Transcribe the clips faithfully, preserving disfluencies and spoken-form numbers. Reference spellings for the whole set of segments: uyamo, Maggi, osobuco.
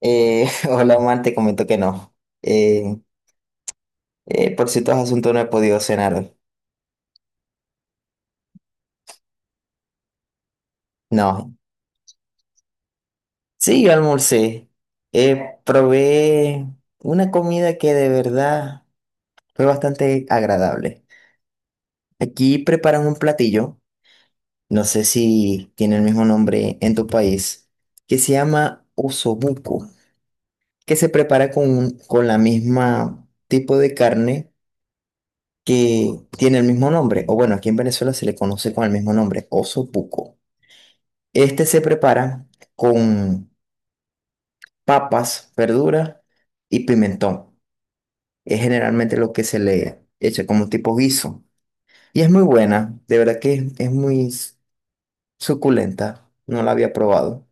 Eh, hola, Omar, te comento que no. Eh, eh, por ciertos asuntos no he podido cenar hoy. No. Sí, yo almorcé. Eh, probé una comida que de verdad fue bastante agradable. Aquí preparan un platillo, no sé si tiene el mismo nombre en tu país, que se llama osobuco, que se prepara con, un- con la misma tipo de carne que tiene el mismo nombre, o bueno, aquí en Venezuela se le conoce con el mismo nombre, osobuco. Este se prepara con papas, verduras y pimentón. Es generalmente lo que se le echa como tipo guiso. Y es muy buena, de verdad que es, es muy s- suculenta. No la había probado.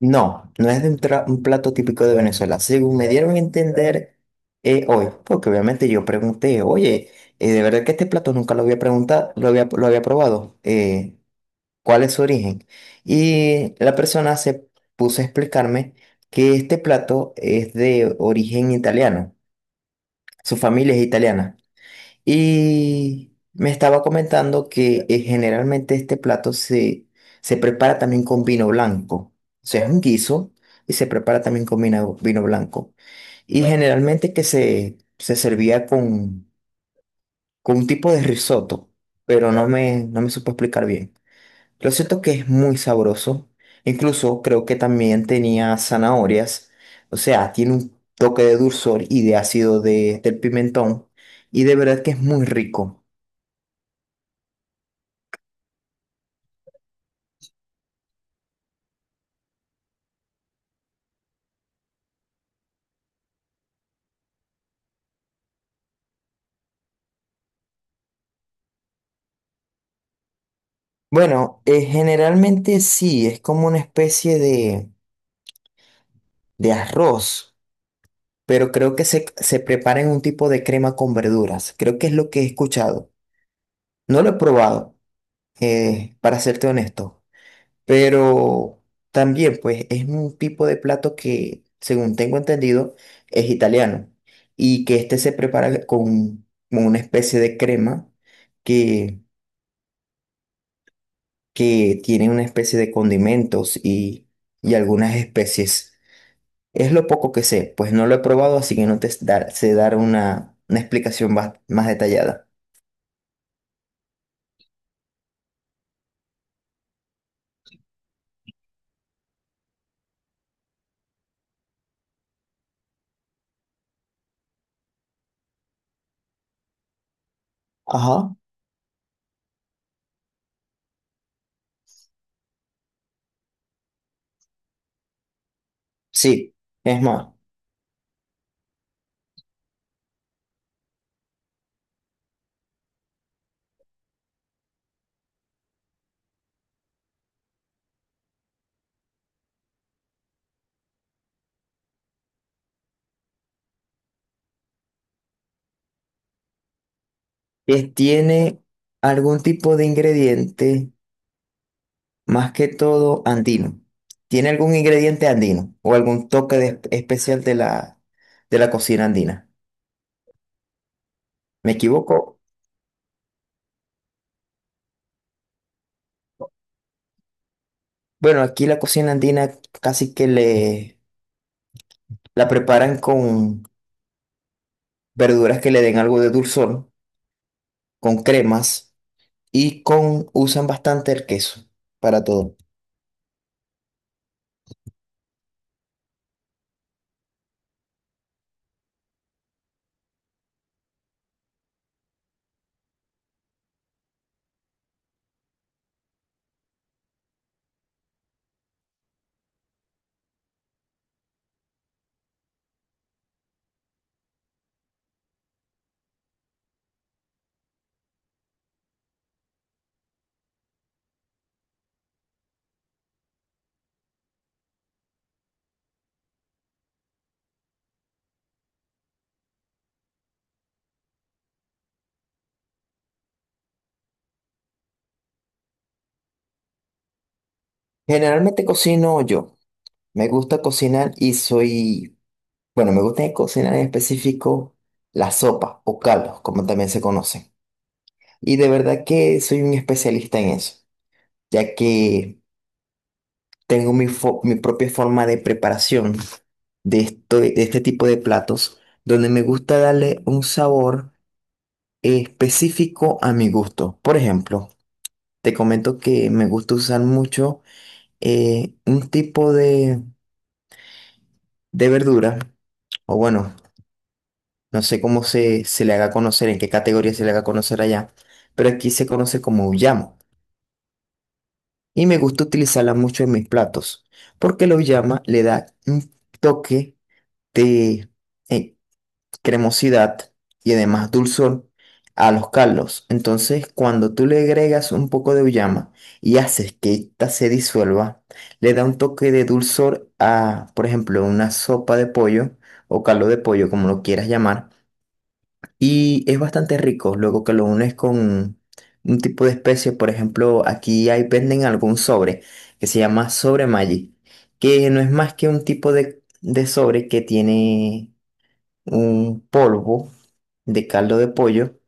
No, no es de un, tra- un plato típico de Venezuela. Según me dieron a entender eh, hoy, porque obviamente yo pregunté, oye, eh, de verdad que este plato nunca lo había preguntado, lo había, lo había probado. eh, cuál es su origen. Y la persona se puso a explicarme que este plato es de origen italiano, su familia es italiana. Y me estaba comentando que eh, generalmente este plato se, se prepara también con vino blanco. O sea, es un guiso y se prepara también con vino, vino blanco. Y claro, generalmente que se, se servía con, con un tipo de risotto, pero no claro. Me, no me supo explicar bien. Lo cierto que es muy sabroso. Incluso creo que también tenía zanahorias. O sea, tiene un toque de dulzor y de ácido de, del pimentón. Y de verdad que es muy rico. Bueno, eh, generalmente sí, es como una especie de, de arroz. Pero creo que se, se prepara en un tipo de crema con verduras. Creo que es lo que he escuchado. No lo he probado, eh, para serte honesto. Pero también, pues, es un tipo de plato que, según tengo entendido, es italiano. Y que este se prepara con, con una especie de crema que, que tiene una especie de condimentos y, y algunas especies. Es lo poco que sé, pues no lo he probado, así que no te dar- sé dar una, una explicación más, más detallada. Ajá. Sí, es más, es- tiene algún tipo de ingrediente más que todo andino. ¿Tiene algún ingrediente andino o algún toque de- especial de la, de la cocina andina? ¿Me equivoco? Bueno, aquí la cocina andina casi que le la preparan con verduras que le den algo de dulzor, con cremas y con usan bastante el queso para todo. Generalmente cocino yo. Me gusta cocinar y soy, bueno, me gusta cocinar en específico la sopa o caldos, como también se conocen. Y de verdad que soy un especialista en eso, ya que tengo mi, fo- mi propia forma de preparación de, esto- de este tipo de platos, donde me gusta darle un sabor específico a mi gusto. Por ejemplo, te comento que me gusta usar mucho eh, un tipo de, de verdura, o bueno, no sé cómo se, se le haga conocer, en qué categoría se le haga conocer allá, pero aquí se conoce como uyamo. Y me gusta utilizarla mucho en mis platos porque la llama le da un toque de eh, cremosidad y además dulzor a los caldos. Entonces, cuando tú le agregas un poco de uyama y haces que esta se disuelva, le da un toque de dulzor a, por ejemplo, una sopa de pollo o caldo de pollo, como lo quieras llamar. Y es bastante rico, luego que lo unes con un tipo de especie, por ejemplo, aquí hay venden algún sobre que se llama sobre Maggi, que no es más que un tipo de, de sobre que tiene un polvo de caldo de pollo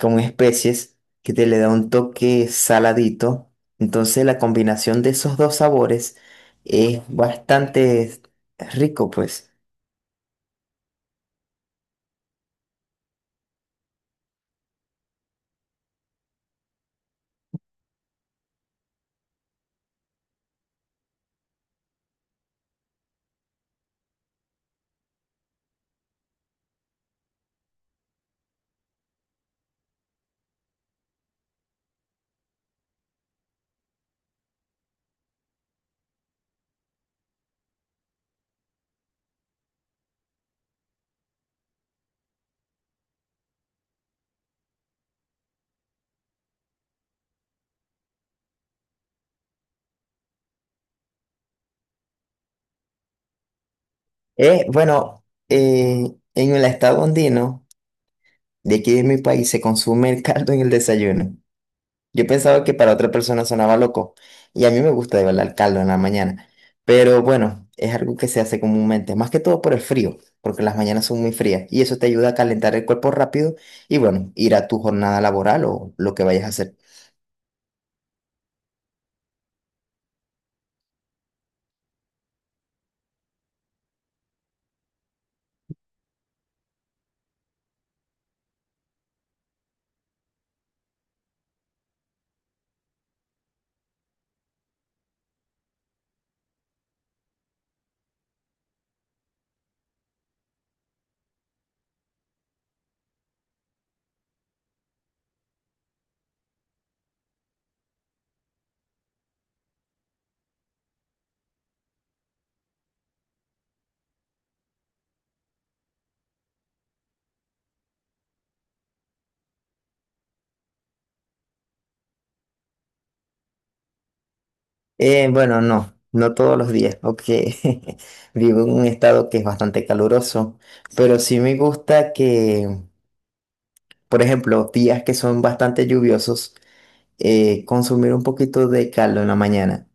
con especies que te le da un toque saladito. Entonces la combinación de esos dos sabores es bastante rico, pues. Eh, bueno, eh, en el estado andino. De aquí de mi país se consume el caldo en el desayuno. Yo pensaba que para otra persona sonaba loco, y a mí me gusta de verdad el caldo en la mañana. Pero bueno, es algo que se hace comúnmente, más que todo por el frío, porque las mañanas son muy frías, y eso te ayuda a calentar el cuerpo rápido y bueno, ir a tu jornada laboral o lo que vayas a hacer. Eh, bueno, no, no todos los días, porque vivo en un estado que es bastante caluroso, pero sí me gusta que, por ejemplo, días que son bastante lluviosos. eh, consumir un poquito de caldo en la mañana.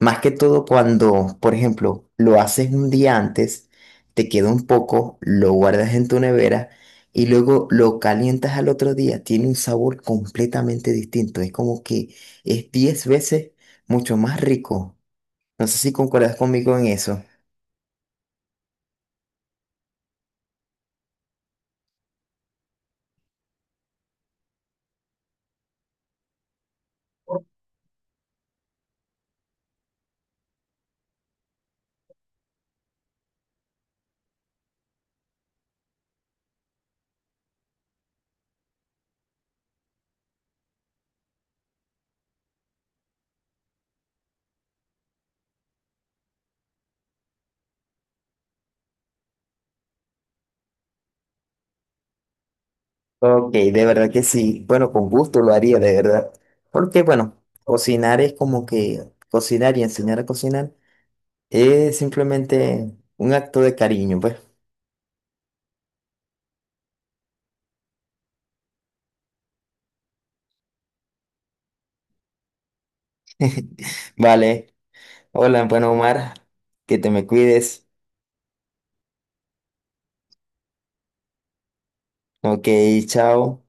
Más que todo cuando, por ejemplo, lo haces un día antes, te queda un poco, lo guardas en tu nevera y luego lo calientas al otro día. Tiene un sabor completamente distinto. Es como que es diez veces mucho más rico. No sé si concuerdas conmigo en eso. Ok, de verdad que sí. Bueno, con gusto lo haría, de verdad. Porque, bueno, cocinar es como que cocinar y enseñar a cocinar es simplemente un acto de cariño, pues. Vale. Hola, bueno, Omar, que te me cuides. Ok, chao.